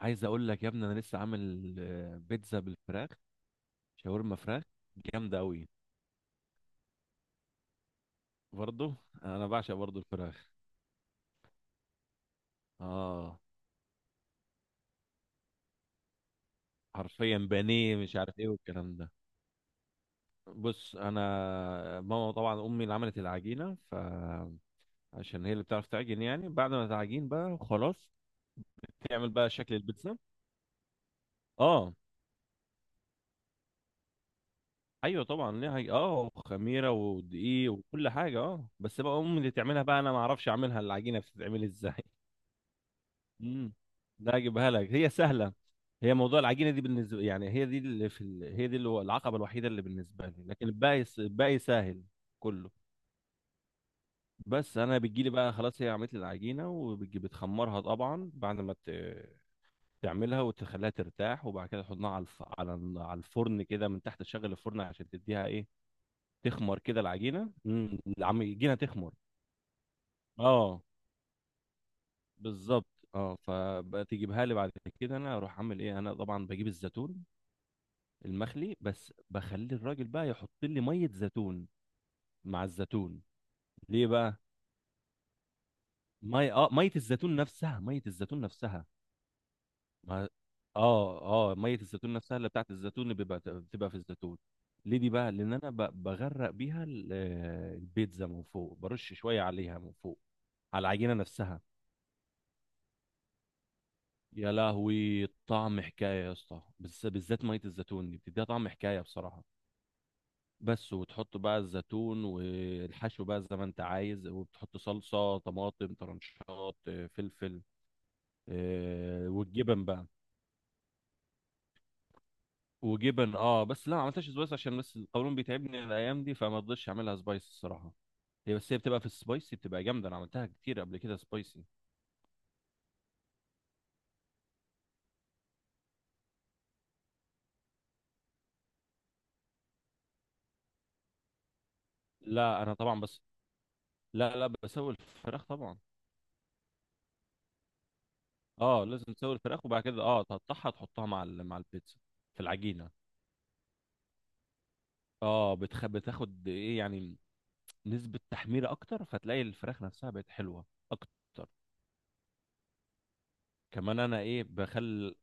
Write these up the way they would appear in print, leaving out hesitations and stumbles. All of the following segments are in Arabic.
عايز اقول لك يا ابني، انا لسه عامل بيتزا بالفراخ. شاورما فراخ، جامده قوي. برضه انا بعشق برضه الفراخ. اه، حرفيا بانيه مش عارف ايه والكلام ده. بص انا، ماما طبعا، امي اللي عملت العجينه، فعشان هي اللي بتعرف تعجن، يعني بعد ما تعجين بقى خلاص تعمل بقى شكل البيتزا. اه. ايوه طبعا ليها خميره ودقيق وكل حاجه، بس بقى امي اللي تعملها بقى، انا ما اعرفش اعملها، العجينه بتتعمل ازاي؟ امم لا، اجيبها لك، هي سهله. هي موضوع العجينه دي بالنسبه يعني، هي دي اللي هو العقبه الوحيده اللي بالنسبه لي، لكن الباقي الباقي سهل كله. بس انا بتجي لي بقى خلاص، هي عملت لي العجينه، وبتجي بتخمرها طبعا بعد ما تعملها وتخليها ترتاح، وبعد كده تحطها على على الفرن كده من تحت، تشغل الفرن عشان تديها ايه، تخمر كده العجينه. العجينه تخمر. اه بالظبط. اه فبقى تجيبها لي بعد كده، انا اروح اعمل ايه، انا طبعا بجيب الزيتون المخلي، بس بخلي الراجل بقى يحط لي ميه زيتون مع الزيتون. ليه بقى ميه؟ اه ميه الزيتون نفسها، ميه الزيتون نفسها. ما... اه اه ميه الزيتون نفسها اللي بتاعت الزيتون، اللي بيبقى بتبقى في الزيتون. ليه دي بقى، لان انا بغرق بيها البيتزا من فوق، برش شويه عليها من فوق، على العجينه نفسها. يا لهوي طعم حكايه يا اسطى، بس بالذات ميه الزيتون دي بتديها طعم حكايه بصراحه. بس، وتحط بقى الزيتون والحشو بقى زي ما انت عايز، وبتحط صلصة طماطم، طرنشات فلفل، والجبن بقى. وجبن. اه بس لا، ما عملتهاش سبايس، عشان بس القولون بيتعبني الايام دي، فما رضيتش اعملها سبايس الصراحة. هي بس هي بتبقى في السبايسي بتبقى جامدة، انا عملتها كتير قبل كده سبايسي. لا انا طبعا بس. لا، لا، بسوي الفراخ طبعا. اه، لازم تسوي الفراخ وبعد كده تقطعها، تحطها مع البيتزا في العجينة. اه. بتاخد ايه يعني، نسبة تحميرة أكتر، فتلاقي الفراخ نفسها بقت حلوة أكتر. كمان أنا إيه بخل.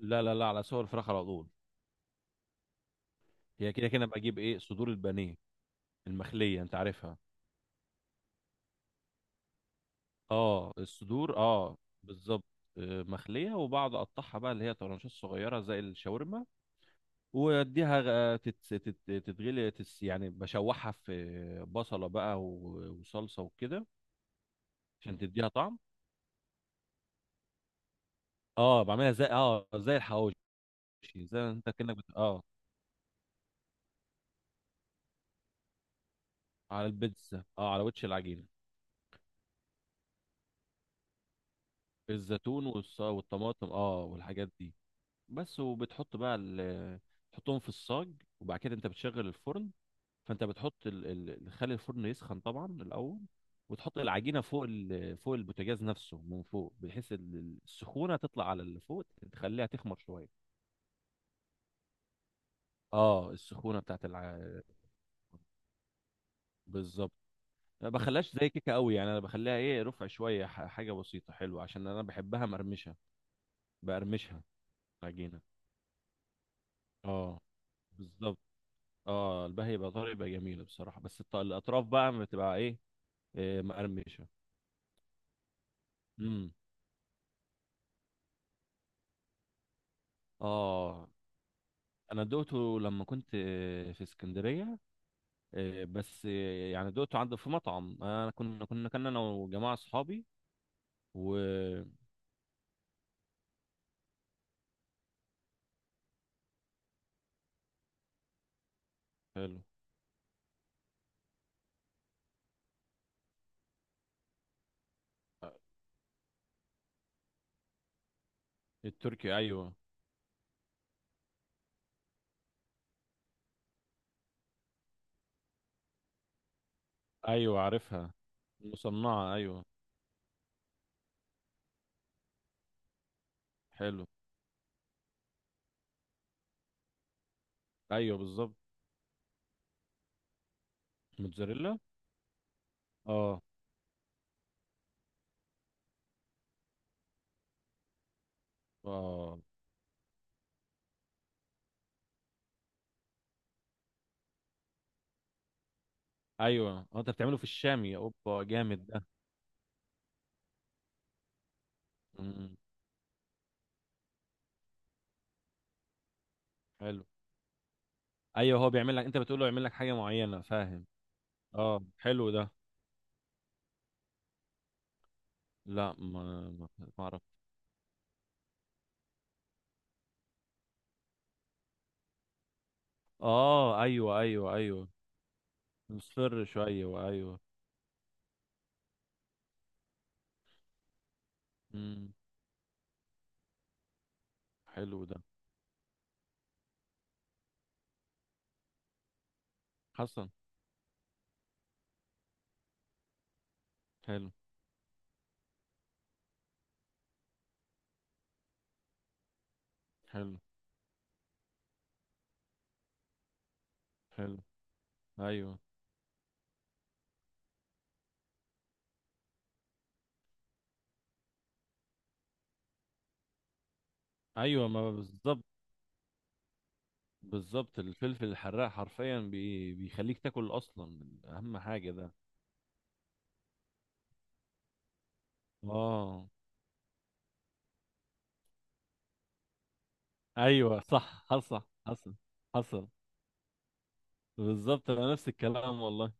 لا، لا، لا، على سوى الفراخ على طول. هي كده كده بجيب إيه، صدور البانيه المخلية، أنت عارفها. أه الصدور، أه بالظبط. مخلية، وبقعد أقطعها بقى اللي هي طرنشات صغيرة زي الشاورما. وأديها تتغلي يعني بشوحها في بصلة بقى وصلصة وكده، عشان تديها طعم. أه بعملها زي الحواوشي. زي ما أنت كأنك بت... أه على البيتزا، اه على وش العجينه. الزيتون والطماطم والحاجات دي. بس وبتحط بقى تحطهم في الصاج، وبعد كده انت بتشغل الفرن. فانت بتحط خلي الفرن يسخن طبعا الاول، وتحط العجينه فوق البوتاجاز نفسه من فوق، بحيث السخونه تطلع على اللي فوق، تخليها تخمر شويه. اه السخونه بتاعت بالظبط. ما بخليهاش زي كيكه قوي يعني، انا بخليها ايه، رفع شويه، حاجه بسيطه حلوه، عشان انا بحبها مرمشه بقرمشها. العجينه اه بالظبط. اه البهي يبقى طري، يبقى جميله بصراحه، بس الاطراف بقى بتبقى ايه، إيه مقرمشه. امم اه، انا دقته لما كنت في اسكندريه. بس يعني دقته عند في مطعم، انا كنا انا وجماعه اصحابي. و حلو. آه، التركي ايوه. ايوه عارفها المصنعه ايوه. حلو. ايوه بالظبط. موتزاريلا. اه، اه، ايوه. انت بتعمله في الشامي اوبا جامد ده. امم حلو. ايوه هو بيعمل لك، انت بتقول له يعمل لك حاجه معينه، فاهم. اه حلو ده. لا ما اعرف. اه ايوه، ايوه، ايوه. مصفر شويه ايوه. امم حلو ده حسن. حلو، حلو، حلو. ايوه، ايوه ما بالظبط. بالظبط، الفلفل الحراق حرفيا بيخليك تاكل اصلا. اهم حاجه ده. اه ايوه صح. حصل، حصل، حصل. بالظبط، انا نفس الكلام والله.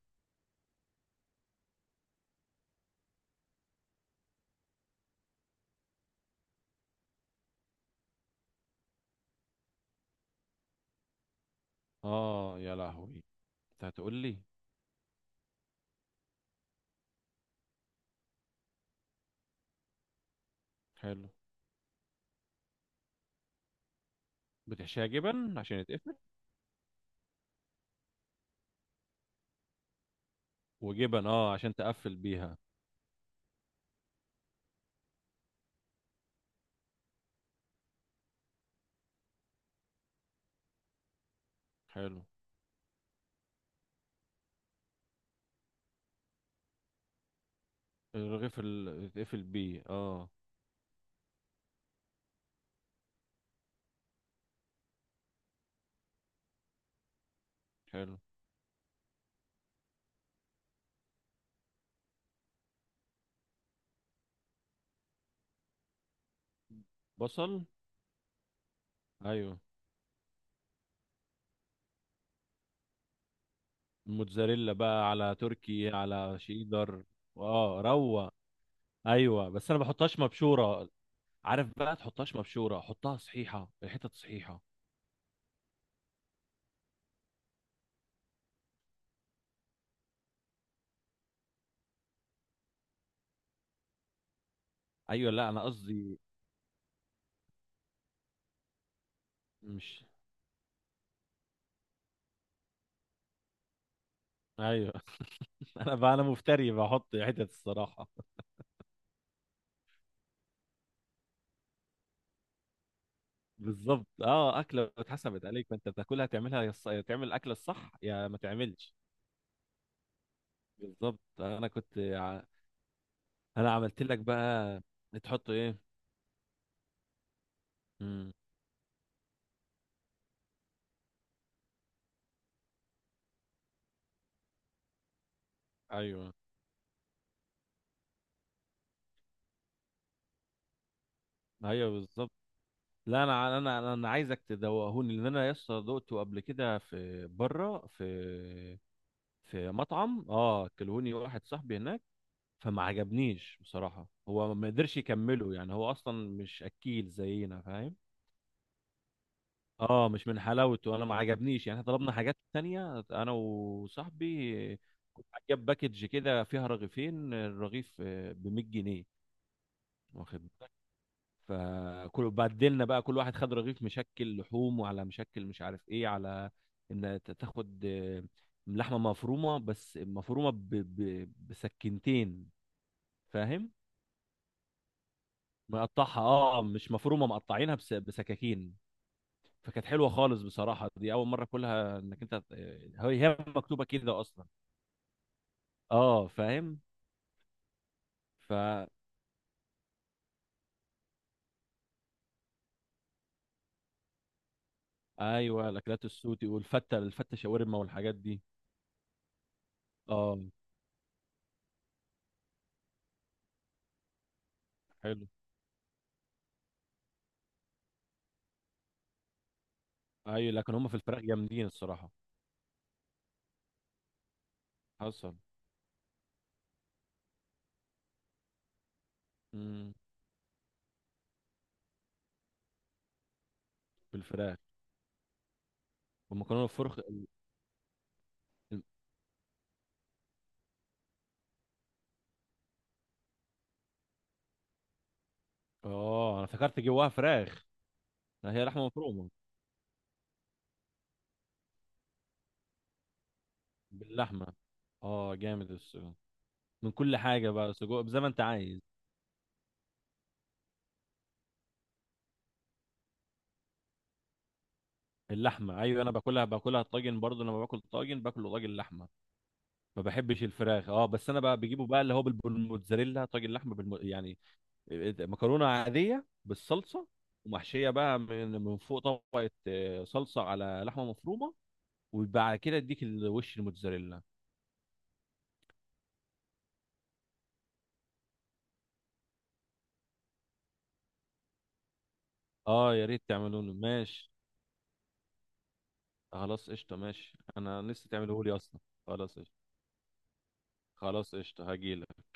اه يا لهوي. انت هتقول لي. حلو. بتحشيها جبن عشان يتقفل. وجبن اه عشان تقفل بيها. حلو. الرغيف اللي يتقفل بيه اه. حلو. بصل. ايوه. موتزاريلا بقى على تركي على شيدر. اه روق. ايوه بس انا بحطهاش مبشوره. عارف بقى، تحطهاش مبشوره، حطها صحيحه، الحتت صحيحه. ايوه لا، انا قصدي مش. ايوه. انا مفتري بحط حتت الصراحه. بالظبط. اه، اكله اتحسبت عليك، فانت بتاكلها تعملها تعمل الاكله الصح يا ما تعملش. بالظبط انا كنت انا عملت لك بقى. تحط ايه؟ امم ايوه، ايوه بالظبط. لا انا انا انا أنا عايزك تدوقهوني، لان انا يسطا دقته قبل كده في بره في مطعم. اه كلهوني واحد صاحبي هناك. فما عجبنيش بصراحه، هو ما قدرش يكمله يعني، هو اصلا مش اكيل زينا، فاهم. اه مش من حلاوته، انا ما عجبنيش يعني، احنا طلبنا حاجات تانية انا وصاحبي. كنت جاب باكج كده فيها رغيفين، الرغيف ب 100 جنيه، واخد بالك. فكل بدلنا بقى كل واحد خد رغيف مشكل لحوم، وعلى مشكل مش عارف ايه، على ان تاخد لحمه مفرومه، بس مفرومه بسكينتين، فاهم. مقطعها اه، مش مفرومه، مقطعينها بسكاكين. فكانت حلوه خالص بصراحه، دي اول مره كلها، انك انت، هي مكتوبه كده اصلا. اه فاهم. ف ايوه الاكلات السوتي، والفته شاورما والحاجات دي. اه حلو. ايوه لكن هم في الفراخ جامدين الصراحه. حصل. امم في الفراخ والمكرونه الفرخ. اه، انا افتكرت جواها فراخ. لا، هي لحمه مفرومه. باللحمه اه جامد السجق. من كل حاجه بقى، سجق زي ما انت عايز. اللحمه ايوه. انا باكلها طاجن برضه. لما باكل طاجن باكله طاجن لحمه. ما بحبش الفراخ اه، بس انا بقى بجيبه بقى اللي هو بالموتزاريلا طاجن لحمه يعني مكرونه عاديه بالصلصه. ومحشيه بقى من فوق طبقه صلصه على لحمه مفرومه. وبعد كده اديك الوش الموتزاريلا. اه، يا ريت تعملوا لي. ماشي خلاص قشطه. ماشي، انا لسه تعمله لي اصلا. خلاص قشطه. خلاص قشطه هجيلك.